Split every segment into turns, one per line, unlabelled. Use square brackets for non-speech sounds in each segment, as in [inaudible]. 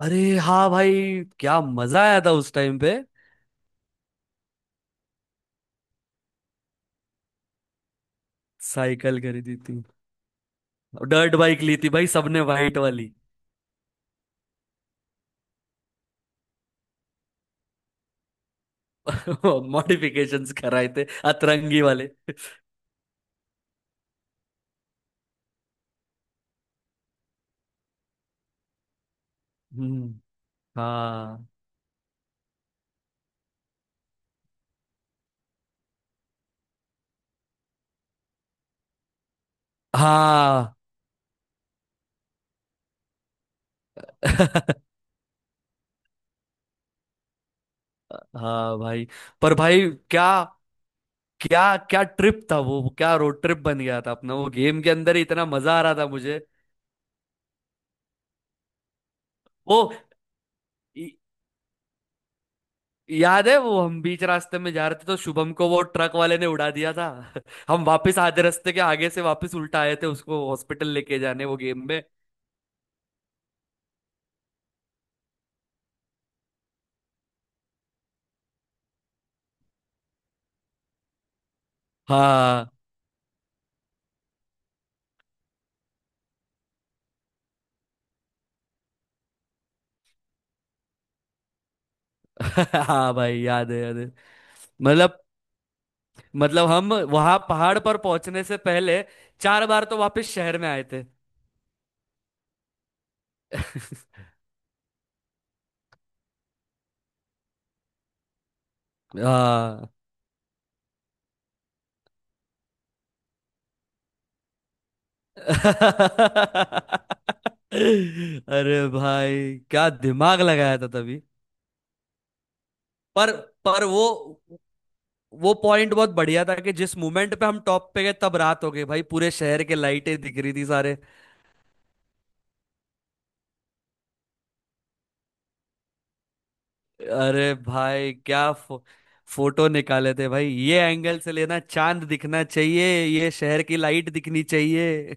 अरे हाँ भाई। क्या मजा आया था उस टाइम पे। साइकिल खरीदी थी। डर्ट बाइक ली थी भाई सबने वाइट वाली। [laughs] मॉडिफिकेशंस कराए थे अतरंगी वाले। हम्म। हाँ हाँ। [laughs] हाँ भाई। पर भाई क्या क्या क्या ट्रिप था वो। क्या रोड ट्रिप बन गया था अपना वो गेम के अंदर ही इतना मजा आ रहा था मुझे। वो याद है वो हम बीच रास्ते में जा रहे थे तो शुभम को वो ट्रक वाले ने उड़ा दिया था। [laughs] हम वापस आधे रास्ते के आगे से वापस उल्टा आए थे उसको हॉस्पिटल लेके जाने, वो गेम में। हाँ। [laughs] हाँ भाई याद है याद है। मतलब मतलब हम वहां पहाड़ पर पहुंचने से पहले चार बार तो वापस शहर में आए थे। हाँ। [laughs] अरे भाई क्या दिमाग लगाया था तभी। पर पर वो पॉइंट बहुत बढ़िया था कि जिस मोमेंट पे हम टॉप पे गए तब रात हो गई भाई, पूरे शहर के लाइटें दिख रही थी सारे। अरे भाई क्या फोटो निकाले थे भाई, ये एंगल से लेना, चांद दिखना चाहिए, ये शहर की लाइट दिखनी चाहिए।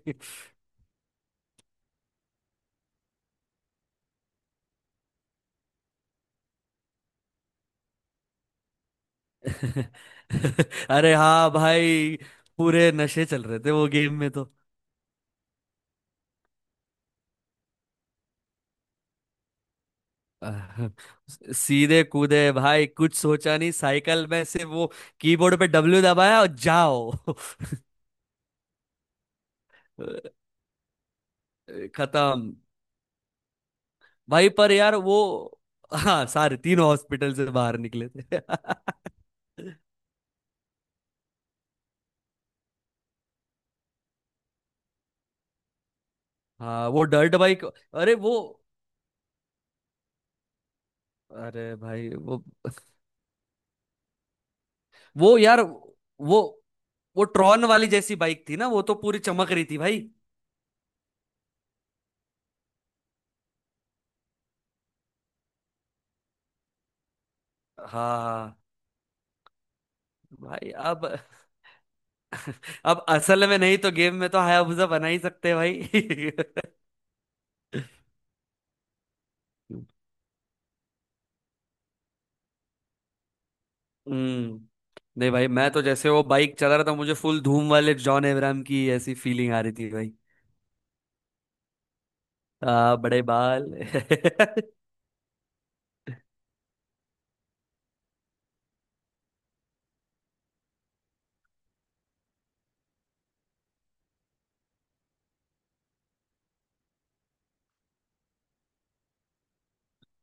[laughs] अरे हाँ भाई, पूरे नशे चल रहे थे वो गेम में तो। [laughs] अह, सीधे कूदे भाई, कुछ सोचा नहीं, साइकिल में से वो कीबोर्ड पे डब्ल्यू दबाया और जाओ। [laughs] खत्म। भाई पर यार वो, हाँ सारे तीनों हॉस्पिटल से बाहर निकले थे। [laughs] हाँ वो डर्ट बाइक, अरे वो, अरे भाई वो यार वो वो ट्रॉन वाली जैसी बाइक थी ना, वो तो पूरी चमक रही थी भाई। हाँ भाई अब असल में नहीं तो गेम में तो हायाबुसा बना ही सकते हैं भाई। [laughs] हम्म। नहीं भाई मैं तो जैसे वो बाइक चला रहा था, मुझे फुल धूम वाले जॉन अब्राहम की ऐसी फीलिंग आ रही थी भाई। बड़े बाल। [laughs]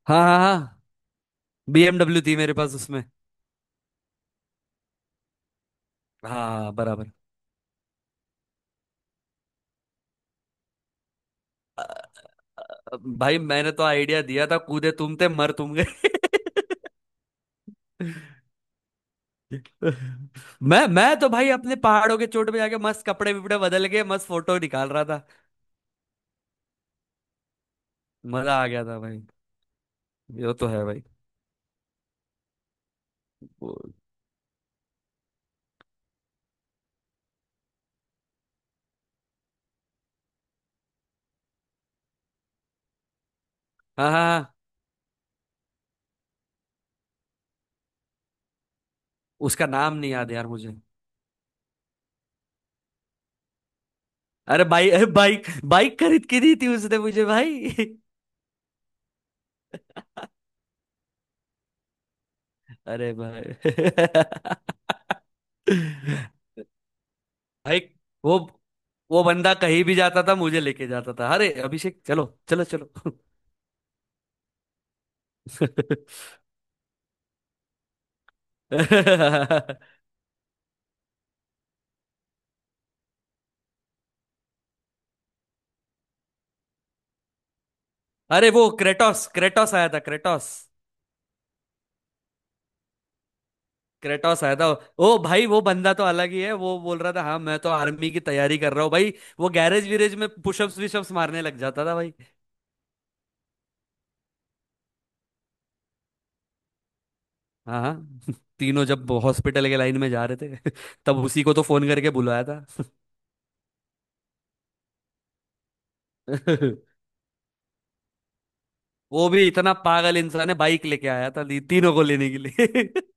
हाँ हाँ हाँ। बीएमडब्ल्यू थी मेरे पास उसमें। हाँ बराबर। भाई मैंने तो आइडिया दिया था, कूदे तुम थे, मर तुम गए। [laughs] मैं तो भाई अपने पहाड़ों के चोट पे जाके मस्त कपड़े विपड़े बदल के मस्त फोटो निकाल रहा था। मजा आ गया था भाई। ये तो है भाई। वो- हाँ हाँ हाँ। उसका नाम नहीं याद यार मुझे। अरे भाई, अरे बाइक बाइक खरीद के दी थी उसने मुझे भाई। [laughs] अरे भाई। [laughs] भाई वो वो बंदा कहीं भी जाता था मुझे लेके जाता था, अरे अभिषेक चलो चलो चलो। [laughs] अरे वो क्रेटोस क्रेटोस आया था क्रेटोस। क्रेटोस आया था। ओ भाई वो बंदा तो अलग ही है, वो बोल रहा था हाँ मैं तो आर्मी की तैयारी कर रहा हूँ भाई। वो गैरेज वीरेज में पुशअप्स विशअप्स मारने लग जाता था भाई। हाँ हाँ। [laughs] तीनों जब हॉस्पिटल के लाइन में जा रहे थे [laughs] तब उसी को तो फोन करके बुलाया था। [laughs] वो भी इतना पागल इंसान है, बाइक लेके आया था तीनों को लेने के लिए। [laughs]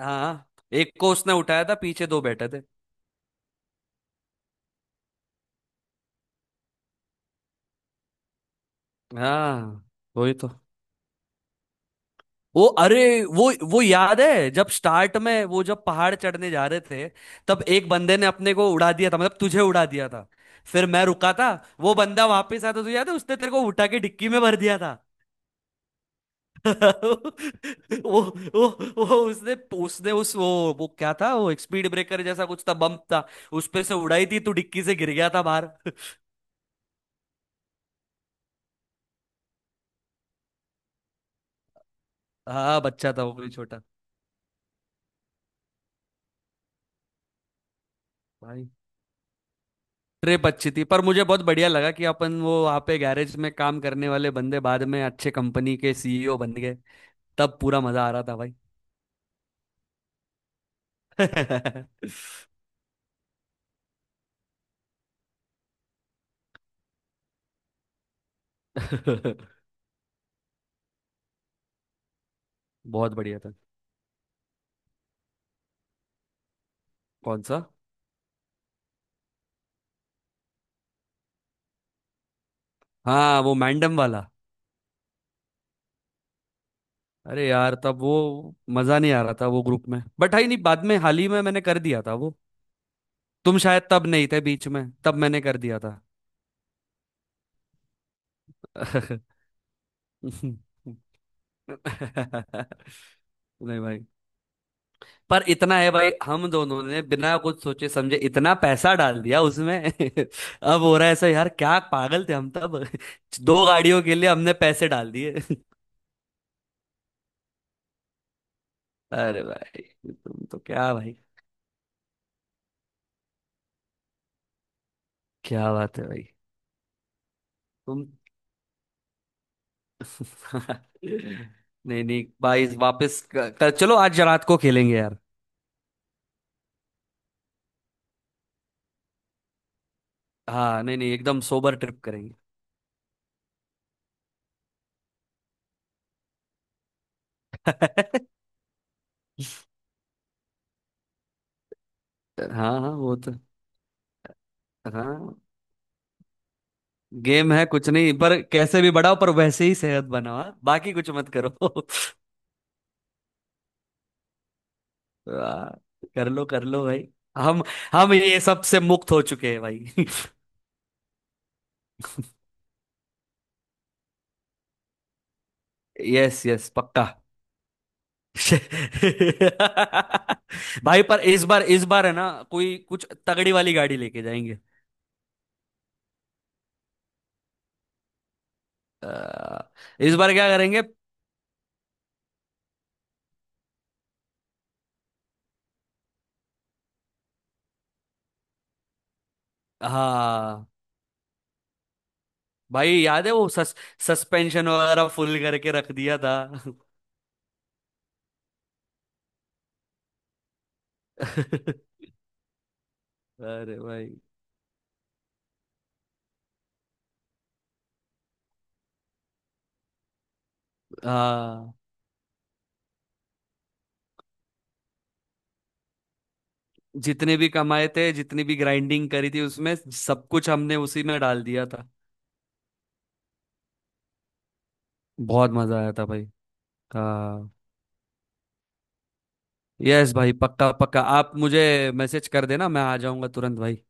हाँ। एक को उसने उठाया था, पीछे दो बैठे थे। हाँ वही तो। वो, अरे वो याद है जब स्टार्ट में वो जब पहाड़ चढ़ने जा रहे थे, तब एक बंदे ने अपने को उड़ा दिया था, मतलब तुझे उड़ा दिया था। फिर मैं रुका था। वो बंदा वापस आया था, तुझे याद है, उसने तेरे को उठा के डिक्की में भर दिया था। [laughs] वो वो वो उसने उसने उस वो क्या था, वो एक स्पीड ब्रेकर जैसा कुछ था, बम्प था। उस पे से उड़ाई थी, तू डिक्की से गिर गया था बाहर। [laughs] हाँ बच्चा था वो भी, छोटा। भाई ट्रिप अच्छी थी, पर मुझे बहुत बढ़िया लगा कि अपन वो वहाँ पे गैरेज में काम करने वाले बंदे बाद में अच्छे कंपनी के सीईओ बन गए। तब पूरा मजा आ रहा था भाई। [laughs] बहुत बढ़िया था। कौन सा? हाँ वो मैंडम वाला। अरे यार तब वो मजा नहीं आ रहा था वो ग्रुप में, बट है नहीं, बाद में हाल ही में मैंने कर दिया था वो। तुम शायद तब नहीं थे बीच में, तब मैंने कर दिया था। [laughs] नहीं भाई, पर इतना है भाई, हम दोनों ने बिना कुछ सोचे समझे इतना पैसा डाल दिया उसमें। [laughs] अब हो रहा है ऐसा यार, क्या पागल थे हम तब। [laughs] दो गाड़ियों के लिए हमने पैसे डाल दिए। [laughs] अरे भाई, तुम तो क्या भाई। क्या बात है भाई। तुम। [laughs] नहीं नहीं भाई, वापस चलो आज रात को खेलेंगे यार। हाँ नहीं नहीं, एकदम सोबर ट्रिप करेंगे। [laughs] हाँ हाँ वो तो। हाँ, गेम है कुछ नहीं, पर कैसे भी बढ़ाओ, पर वैसे ही सेहत बनाओ, हाँ? बाकी कुछ मत करो। [laughs] वाह, कर लो भाई। हम हम ये सब से मुक्त हो चुके हैं भाई। [laughs] यस यस पक्का। [laughs] भाई, पर इस बार, इस बार है ना, कोई कुछ तगड़ी वाली गाड़ी लेके जाएंगे। अ, इस बार क्या करेंगे? हाँ भाई याद है, वो सस्पेंशन वगैरह फुल करके रख दिया था। [laughs] अरे भाई, हाँ, जितने भी कमाए थे जितनी भी ग्राइंडिंग करी थी उसमें, सब कुछ हमने उसी में डाल दिया था। बहुत मजा आया था भाई। हाँ। यस भाई पक्का पक्का, आप मुझे मैसेज कर देना, मैं आ जाऊंगा तुरंत भाई।